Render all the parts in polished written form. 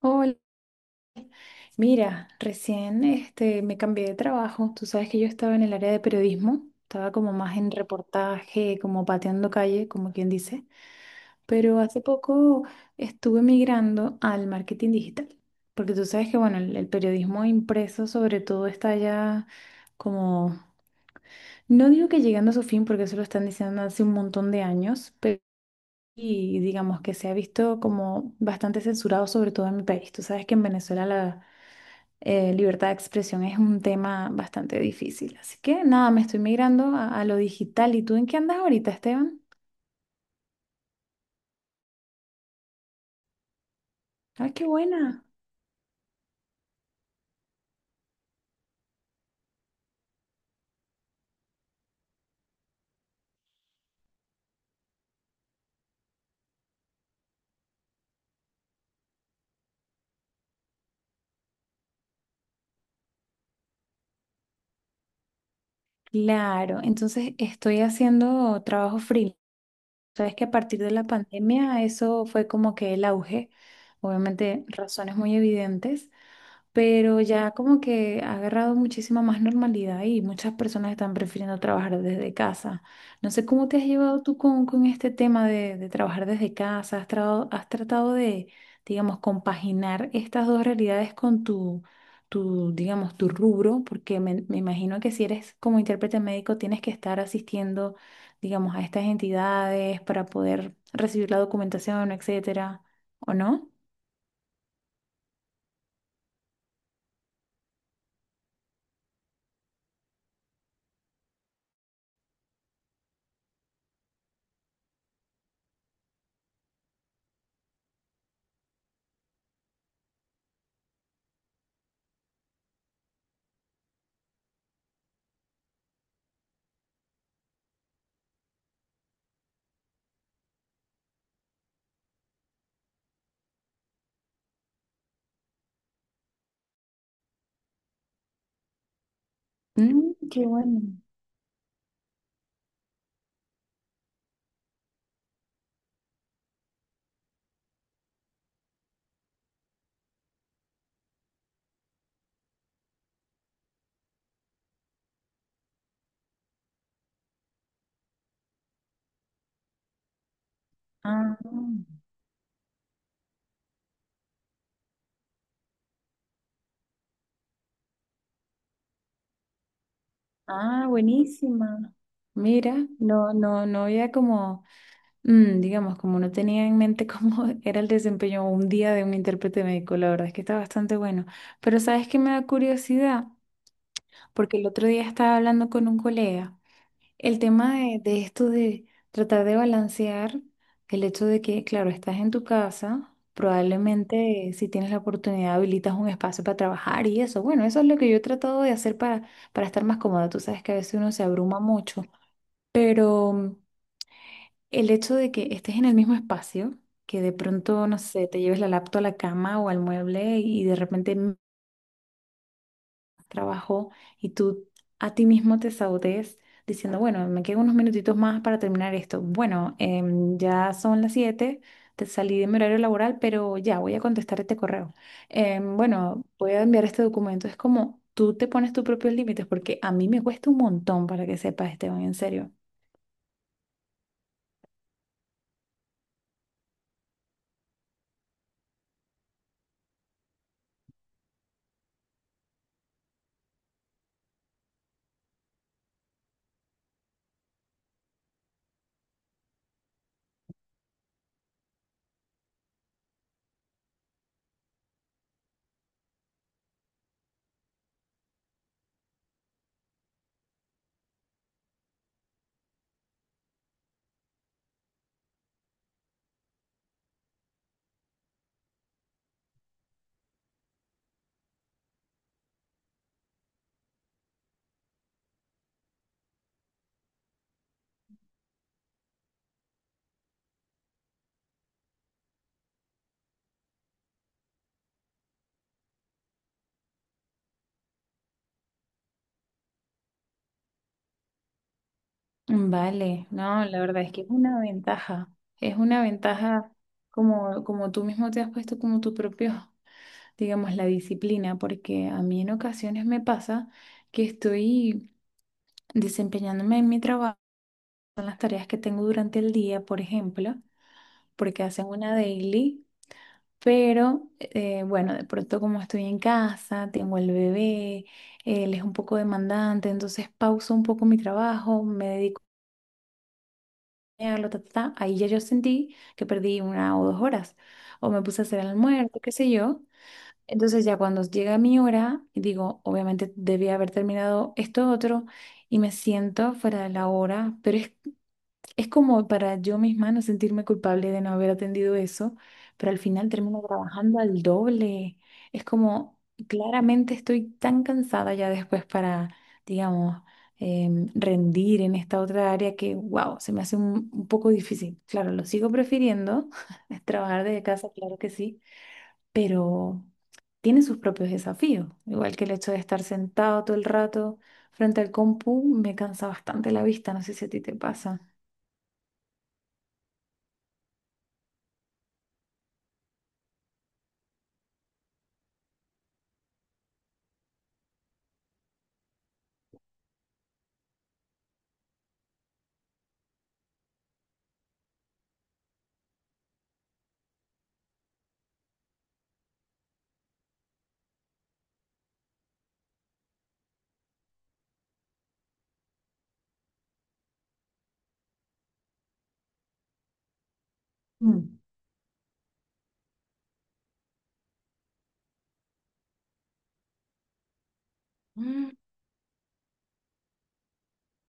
Hola, mira, recién este, me cambié de trabajo. Tú sabes que yo estaba en el área de periodismo, estaba como más en reportaje, como pateando calle, como quien dice, pero hace poco estuve migrando al marketing digital, porque tú sabes que, bueno, el periodismo impreso sobre todo está ya como, no digo que llegando a su fin, porque eso lo están diciendo hace un montón de años, pero... Y digamos que se ha visto como bastante censurado, sobre todo en mi país. Tú sabes que en Venezuela la, libertad de expresión es un tema bastante difícil. Así que nada, me estoy migrando a lo digital. ¿Y tú en qué andas ahorita, Esteban? Ay, qué buena. Claro, entonces estoy haciendo trabajo freelance. Sabes que a partir de la pandemia eso fue como que el auge, obviamente razones muy evidentes. Pero ya como que ha agarrado muchísima más normalidad y muchas personas están prefiriendo trabajar desde casa. No sé cómo te has llevado tú con este tema de trabajar desde casa. ¿Has, has tratado de, digamos, compaginar estas dos realidades con tu, tu, digamos, tu rubro? Porque me imagino que si eres como intérprete médico tienes que estar asistiendo, digamos, a estas entidades para poder recibir la documentación, etcétera, ¿o no? Mm, qué bueno. Ah. Ah, buenísima. Mira, no, no, no había como, digamos, como no tenía en mente cómo era el desempeño un día de un intérprete médico, la verdad es que está bastante bueno. Pero ¿sabes qué me da curiosidad? Porque el otro día estaba hablando con un colega. El tema de esto de tratar de balancear el hecho de que, claro, estás en tu casa, probablemente si tienes la oportunidad habilitas un espacio para trabajar y eso. Bueno, eso es lo que yo he tratado de hacer para estar más cómoda. Tú sabes que a veces uno se abruma mucho, pero el hecho de que estés en el mismo espacio, que de pronto, no sé, te lleves la laptop a la cama o al mueble y de repente trabajo y tú a ti mismo te sabotees diciendo, bueno, me quedan unos minutitos más para terminar esto. Bueno, ya son las siete, te salí de mi horario laboral, pero ya voy a contestar este correo. Bueno, voy a enviar este documento. Es como tú te pones tus propios límites, porque a mí me cuesta un montón para que sepas, Esteban, en serio. Vale, no, la verdad es que es una ventaja como, como tú mismo te has puesto como tu propio, digamos, la disciplina, porque a mí en ocasiones me pasa que estoy desempeñándome en mi trabajo, en las tareas que tengo durante el día, por ejemplo, porque hacen una daily, pero bueno, de pronto como estoy en casa, tengo el bebé, él es un poco demandante, entonces pauso un poco mi trabajo, me dedico a bañarlo, ta, ta, ta, ahí ya yo sentí que perdí una o dos horas, o me puse a hacer el almuerzo, qué sé yo. Entonces ya cuando llega mi hora, digo, obviamente debía haber terminado esto otro y me siento fuera de la hora, pero es como para yo misma no sentirme culpable de no haber atendido eso, pero al final termino trabajando al doble. Es como, claramente estoy tan cansada ya después para, digamos, rendir en esta otra área que, wow, se me hace un poco difícil. Claro, lo sigo prefiriendo, trabajar desde casa, claro que sí, pero tiene sus propios desafíos. Igual que el hecho de estar sentado todo el rato frente al compu me cansa bastante la vista, no sé si a ti te pasa. Mm. Mm.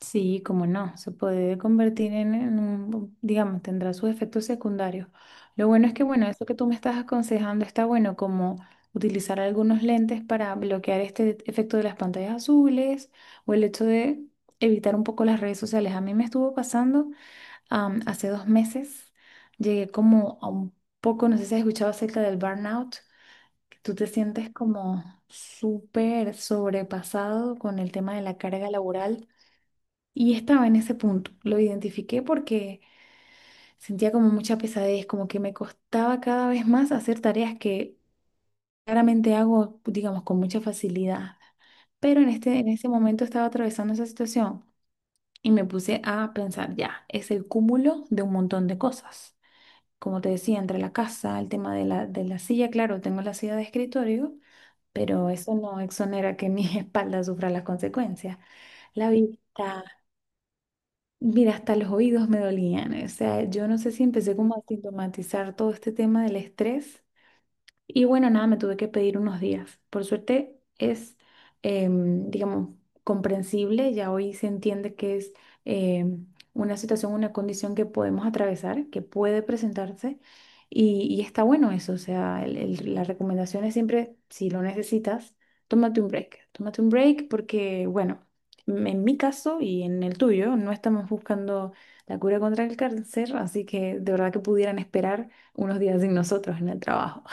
Sí, como no, se puede convertir en un, digamos, tendrá sus efectos secundarios. Lo bueno es que, bueno, eso que tú me estás aconsejando está bueno, como utilizar algunos lentes para bloquear este efecto de las pantallas azules o el hecho de evitar un poco las redes sociales. A mí me estuvo pasando. Hace 2 meses llegué como a un poco, no sé si has escuchado acerca del burnout, que tú te sientes como súper sobrepasado con el tema de la carga laboral. Y estaba en ese punto. Lo identifiqué porque sentía como mucha pesadez, como que me costaba cada vez más hacer tareas que claramente hago, digamos, con mucha facilidad. Pero en este, en ese momento estaba atravesando esa situación y me puse a pensar, ya, es el cúmulo de un montón de cosas, como te decía, entre la casa, el tema de la silla, claro, tengo la silla de escritorio, pero eso no exonera que mi espalda sufra las consecuencias. La vista, mira, hasta los oídos me dolían. O sea, yo no sé si empecé como a sintomatizar todo este tema del estrés y bueno, nada, me tuve que pedir unos días. Por suerte es, digamos, comprensible, ya hoy se entiende que es em, una situación, una condición que podemos atravesar, que puede presentarse, y está bueno eso. O sea, la recomendación es siempre, si lo necesitas, tómate un break. Tómate un break porque, bueno, en mi caso y en el tuyo, no estamos buscando la cura contra el cáncer, así que de verdad que pudieran esperar unos días sin nosotros en el trabajo.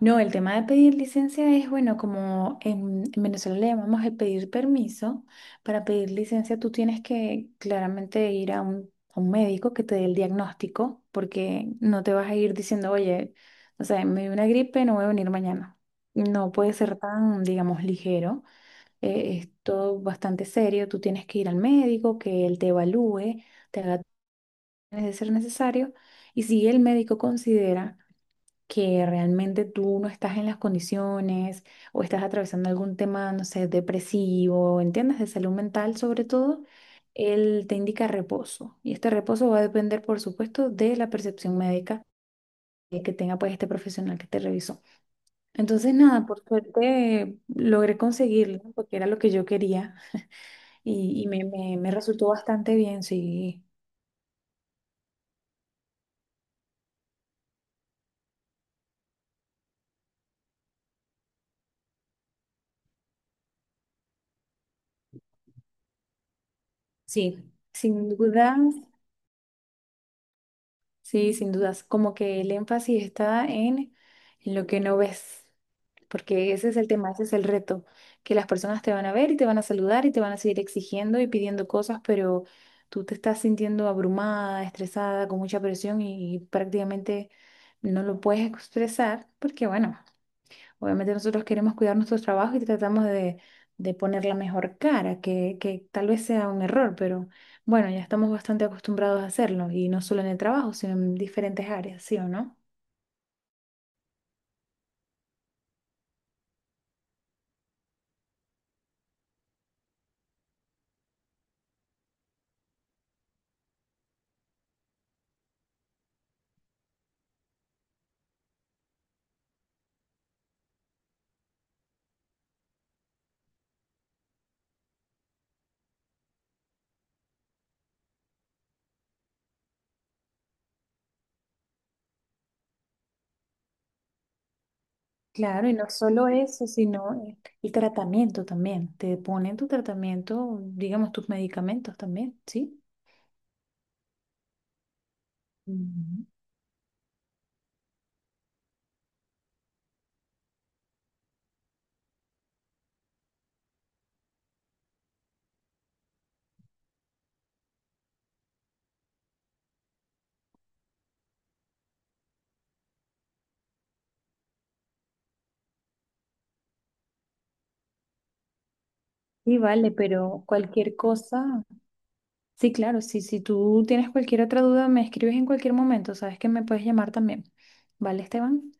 No, el tema de pedir licencia es, bueno, como en Venezuela le llamamos el pedir permiso. Para pedir licencia tú tienes que claramente ir a un médico que te dé el diagnóstico, porque no te vas a ir diciendo, oye, o sea, me dio una gripe, no voy a venir mañana. No puede ser tan, digamos, ligero. Es todo bastante serio. Tú tienes que ir al médico, que él te evalúe, te haga de ser necesario. Y si el médico considera que realmente tú no estás en las condiciones o estás atravesando algún tema, no sé, depresivo, ¿entiendes? De salud mental sobre todo, él te indica reposo. Y este reposo va a depender, por supuesto, de la percepción médica que tenga pues este profesional que te revisó. Entonces, nada, por suerte logré conseguirlo, porque era lo que yo quería y me, me resultó bastante bien, sí. Sí. Sin duda. Sí, sin dudas. Como que el énfasis está en lo que no ves, porque ese es el tema, ese es el reto, que las personas te van a ver y te van a saludar y te van a seguir exigiendo y pidiendo cosas, pero tú te estás sintiendo abrumada, estresada, con mucha presión y prácticamente no lo puedes expresar, porque bueno, obviamente nosotros queremos cuidar nuestro trabajo y tratamos de poner la mejor cara, que tal vez sea un error, pero bueno, ya estamos bastante acostumbrados a hacerlo, y no solo en el trabajo, sino en diferentes áreas, ¿sí o no? Claro, y no solo eso, sino el tratamiento también. Te ponen tu tratamiento, digamos, tus medicamentos también, ¿sí? Ujú. Sí, vale, pero cualquier cosa. Sí, claro, sí, si tú tienes cualquier otra duda, me escribes en cualquier momento, sabes que me puedes llamar también. ¿Vale, Esteban?